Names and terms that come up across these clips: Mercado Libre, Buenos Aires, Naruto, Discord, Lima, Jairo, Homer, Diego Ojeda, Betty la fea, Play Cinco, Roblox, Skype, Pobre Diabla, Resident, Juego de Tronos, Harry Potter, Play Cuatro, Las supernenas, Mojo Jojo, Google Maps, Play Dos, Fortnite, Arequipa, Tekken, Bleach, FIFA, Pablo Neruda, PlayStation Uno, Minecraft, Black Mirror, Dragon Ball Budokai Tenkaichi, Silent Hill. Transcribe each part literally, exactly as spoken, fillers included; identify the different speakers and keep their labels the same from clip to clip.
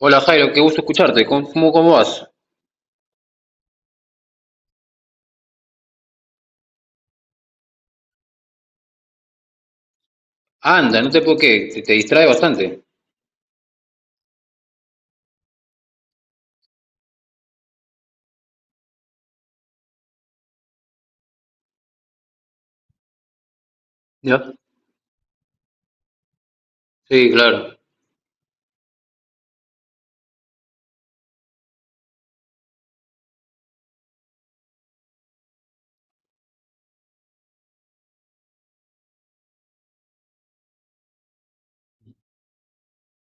Speaker 1: Hola Jairo, qué gusto escucharte. ¿Cómo, cómo cómo vas? Anda, no te puedo que te, te distrae bastante. ¿Ya? Sí, claro.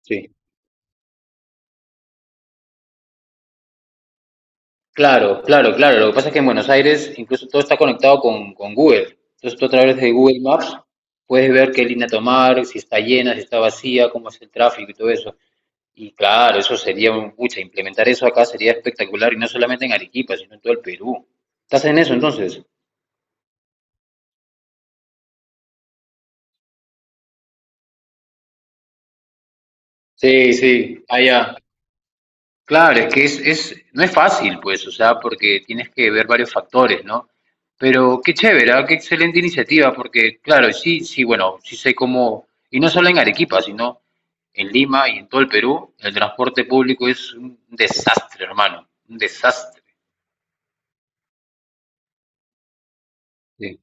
Speaker 1: Sí. Claro, claro, claro. Lo que pasa es que en Buenos Aires incluso todo está conectado con, con Google. Entonces tú a través de Google Maps puedes ver qué línea tomar, si está llena, si está vacía, cómo es el tráfico y todo eso. Y claro, eso sería un pucha, implementar eso acá sería espectacular y no solamente en Arequipa, sino en todo el Perú. ¿Estás en eso entonces? Sí, sí, allá. Claro, es que es, es, no es fácil, pues, o sea, porque tienes que ver varios factores, ¿no? Pero qué chévere, ¿ah? Qué excelente iniciativa, porque claro, sí, sí, bueno, sí sé cómo, y no solo en Arequipa, sino en Lima y en todo el Perú, el transporte público es un desastre, hermano, un desastre. Sí.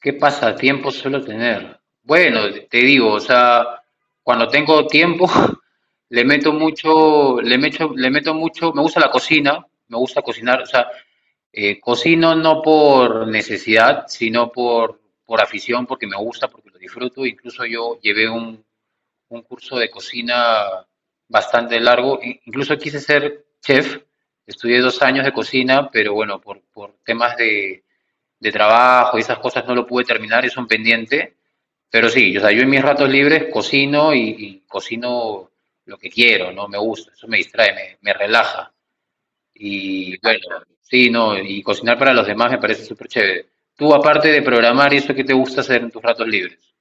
Speaker 1: ¿Qué pasatiempo suelo tener? Bueno, te digo, o sea, cuando tengo tiempo, le meto mucho, le meto, le meto mucho, me gusta la cocina, me gusta cocinar, o sea, Eh, cocino no por necesidad, sino por, por afición, porque me gusta, porque lo disfruto. Incluso yo llevé un, un curso de cocina bastante largo. Incluso quise ser chef. Estudié dos años de cocina, pero bueno, por, por temas de, de trabajo y esas cosas no lo pude terminar, es un pendiente. Pero sí, o sea, yo en mis ratos libres cocino y, y cocino lo que quiero, ¿no? Me gusta, eso me distrae, me, me relaja. Y bueno, sí, no, y cocinar para los demás me parece súper chévere. Tú, aparte de programar, ¿y eso qué te gusta hacer en tus ratos libres?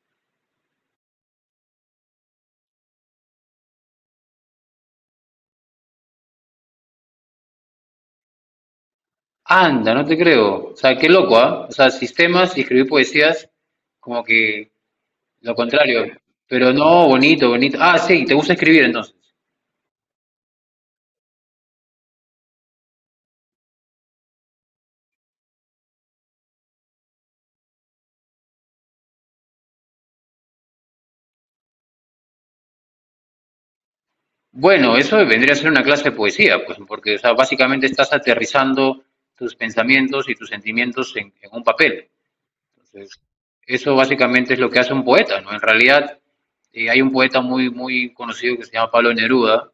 Speaker 1: Anda, no te creo. O sea, qué loco, ¿ah? O sea, sistemas y escribir poesías, como que lo contrario. Pero no, bonito, bonito. Ah, sí, te gusta escribir entonces. Bueno, eso vendría a ser una clase de poesía, pues, porque, o sea, básicamente estás aterrizando tus pensamientos y tus sentimientos en, en un papel. Entonces, eso básicamente es lo que hace un poeta, ¿no? En realidad, eh, hay un poeta muy, muy conocido que se llama Pablo Neruda,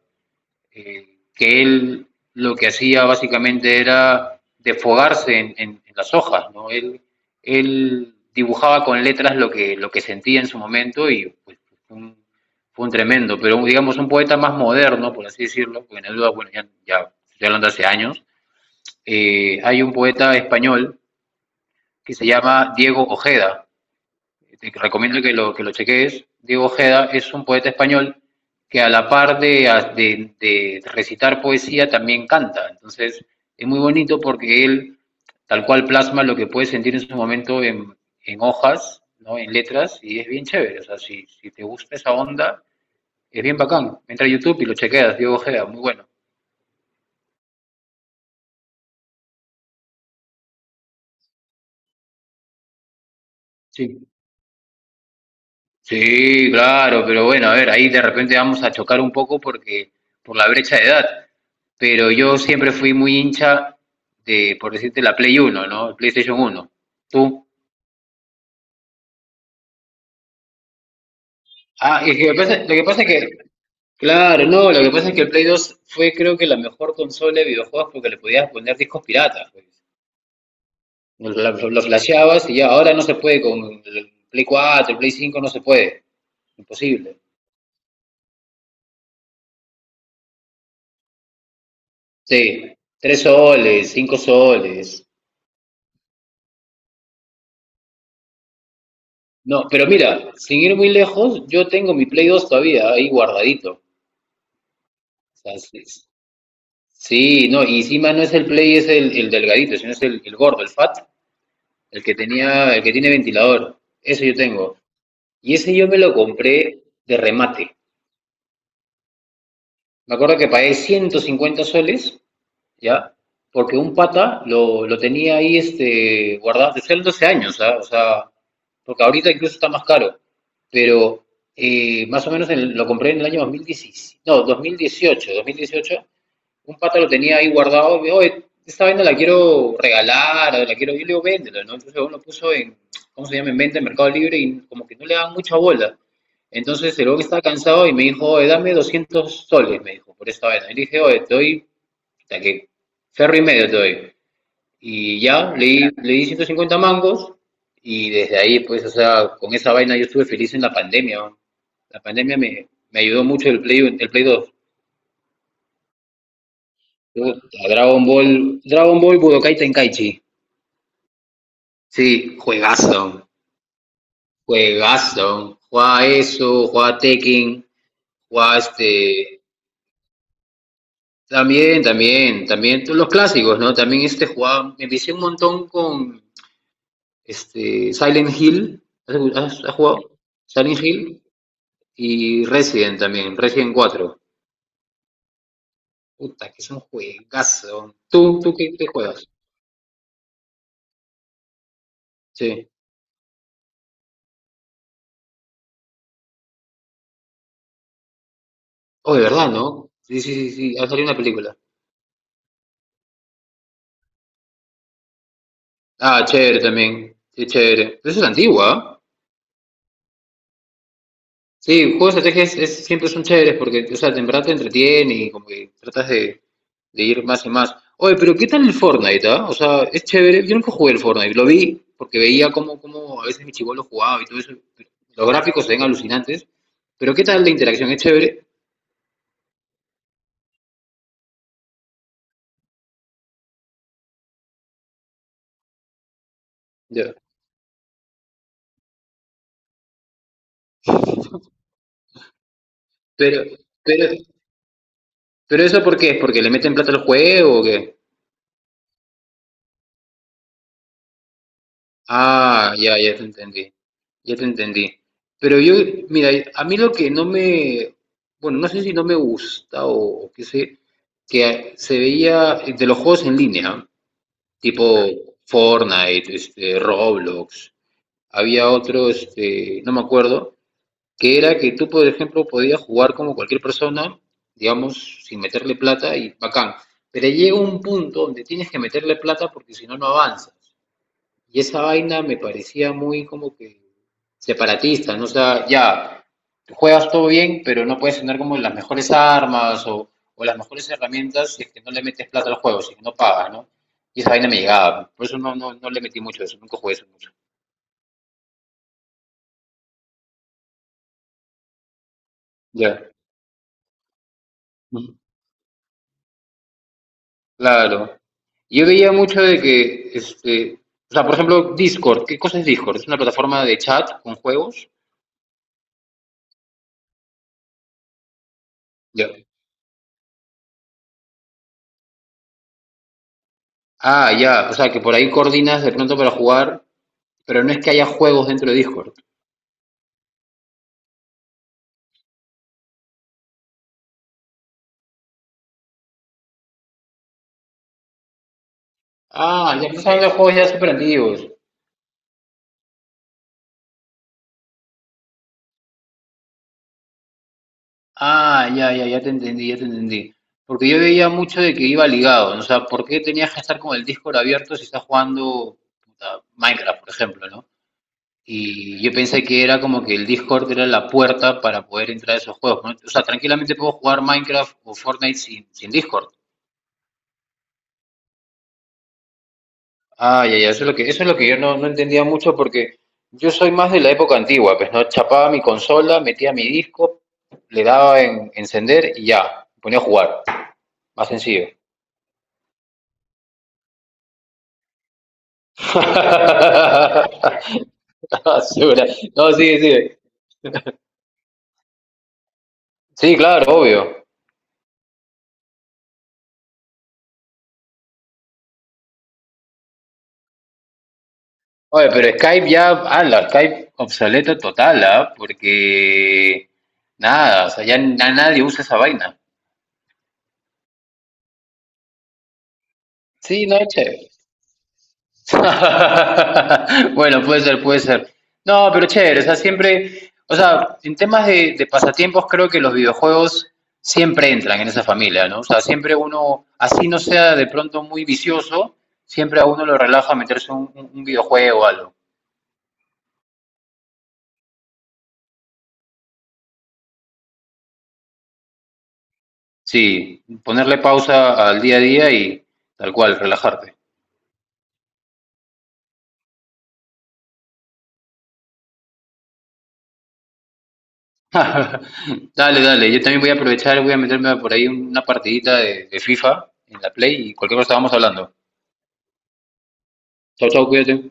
Speaker 1: eh, que él lo que hacía básicamente era desfogarse en, en, en las hojas, ¿no? Él, él dibujaba con letras lo que, lo que sentía en su momento y pues, un, fue un tremendo, pero digamos un poeta más moderno, por así decirlo, porque Neruda, bueno, ya, ya estoy hablando hace años, eh, hay un poeta español que se llama Diego Ojeda, te recomiendo que lo, que lo cheques, Diego Ojeda es un poeta español que a la par de, de, de recitar poesía también canta. Entonces es muy bonito porque él tal cual plasma lo que puede sentir en su momento en, en hojas, ¿no? En letras, y es bien chévere. O sea, si, si te gusta esa onda, es bien bacán. Entra a YouTube y lo chequeas, Diego Ojeda, muy bueno. Sí. Sí, claro, pero bueno, a ver, ahí de repente vamos a chocar un poco porque por la brecha de edad. Pero yo siempre fui muy hincha de, por decirte, la Play Uno, ¿no? El PlayStation Uno. ¿Tú? Ah, y lo que pasa, lo que pasa es que, claro, no, lo que pasa es que el Play dos fue creo que la mejor consola de videojuegos porque le podías poner discos piratas, pues. Lo, lo lo flasheabas y ya, ahora no se puede con el Play cuatro, el Play cinco no se puede, imposible. Sí, Tres soles, cinco soles. No, pero mira, sin ir muy lejos, yo tengo mi Play dos todavía ahí guardadito. O sea, sí, sí, no, y encima no es el Play, es el, el delgadito, sino es el, el gordo, el fat, el que tenía, el que tiene ventilador. Eso yo tengo. Y ese yo me lo compré de remate. Me acuerdo que pagué ciento cincuenta soles, ¿ya? Porque un pata lo, lo tenía ahí este, guardado desde hace doce años, ¿ah? O sea, porque ahorita incluso está más caro, pero eh, más o menos en- lo compré en el año dos mil diecisiete, no, dos mil dieciocho, dos mil dieciocho, un pata lo tenía ahí guardado, y, oye, esta vaina la quiero regalar, la quiero, yo le digo, véndelo, ¿no? Entonces uno lo puso en, ¿cómo se llama?, en venta en Mercado Libre y como que no le daban mucha bola. Entonces el hombre estaba cansado y me dijo, oye, dame 200 soles, me dijo, por esta vaina. Y le dije, oye, te doy, o sea que ferro y medio te doy. Y ya, le di, le di 150 mangos y desde ahí, pues, o sea, con esa vaina yo estuve feliz en la pandemia, ¿no? La pandemia me, me ayudó mucho el Play, el Play dos Yo, a Dragon Ball, Dragon Ball Budokai Tenkaichi. Sí, juegazo, juegazo. Juega eso, juega Tekken, juega este... También, también, también todos los clásicos, ¿no? También este jugaba, me empecé un montón con este, Silent Hill, ¿has, has jugado? Silent Hill y Resident también, Resident cuatro. Puta, que son juegazos. ¿Tú, tú qué, qué juegas? Sí. Oh, de verdad, ¿no? Sí, sí, sí, sí, ha salido una película. Ah, chévere también. Sí, chévere. Pero eso es antigua, ¿ah? Sí, juegos de estrategia es- es- siempre son chéveres porque, o sea, en verdad te entretiene y como que tratas de, de ir más y más. Oye, pero ¿qué tal el Fortnite, ah? O sea, es chévere. Yo nunca jugué el Fortnite, lo vi porque veía cómo, cómo a veces mi chibolo jugaba y todo eso. Los gráficos se ven alucinantes. Pero ¿qué tal la interacción? ¿Es chévere? Ya. Pero, pero, pero ¿eso por qué? ¿Es porque le meten plata al juego o qué? Ah, ya, ya te entendí. Ya te entendí. Pero yo, mira, a mí lo que no me, bueno, no sé si no me gusta o, o, qué sé, que se veía de los juegos en línea, tipo Fortnite, este, Roblox. Había otro, este, no me acuerdo, que era que tú, por ejemplo, podías jugar como cualquier persona, digamos, sin meterle plata y bacán. Pero llega un punto donde tienes que meterle plata porque si no, no avanzas. Y esa vaina me parecía muy como que separatista, ¿no? O sea, ya, juegas todo bien, pero no puedes tener como las mejores armas o, o las mejores herramientas si es que no le metes plata al juego, si es que no pagas, ¿no? Y esa vaina me llegaba. Por eso no, no, no le metí mucho a eso, nunca jugué eso mucho. Ya. Ujú. Claro. Yo veía mucho de que, este, o sea, por ejemplo, Discord, ¿qué cosa es Discord? ¿Es una plataforma de chat con juegos? Ya. Ah, ya, o sea, que por ahí coordinas de pronto para jugar. Pero no es que haya juegos dentro de Discord. Ah, ya estás hablando de juegos ya super antiguos. Ah, ya, ya, ya te entendí, ya te entendí. Porque yo veía mucho de que iba ligado, ¿no? O sea, ¿por qué tenías que estar con el Discord abierto si estás jugando puta, Minecraft, por ejemplo, ¿no? Y yo pensé que era como que el Discord era la puerta para poder entrar a esos juegos, ¿no? O sea, tranquilamente puedo jugar Minecraft o Fortnite sin, sin Discord. Ah, ya, ya, eso es lo que, eso es lo que yo no, no entendía mucho porque yo soy más de la época antigua, pues no chapaba mi consola, metía mi disco, le daba en encender y ya, me ponía a jugar. Más sencillo. La basura. No, sí, sí. Sí, claro, obvio. Oye, pero Skype ya, ala, Skype obsoleto total, ¿ah? Porque nada, o sea, ya na- nadie usa esa vaina. Sí, no, che. Bueno, puede ser, puede ser. No, pero chévere, o sea, siempre, o sea, en temas de, de pasatiempos creo que los videojuegos siempre entran en esa familia, ¿no? O sea, siempre uno, así no sea de pronto muy vicioso, siempre a uno lo relaja meterse un, un- un videojuego o algo. Sí, ponerle pausa al día a día y tal cual, relajarte. Dale, dale, yo también voy a aprovechar, voy a meterme por ahí una partidita de, de FIFA en la Play y cualquier cosa vamos hablando. Chau, chau, cuídate.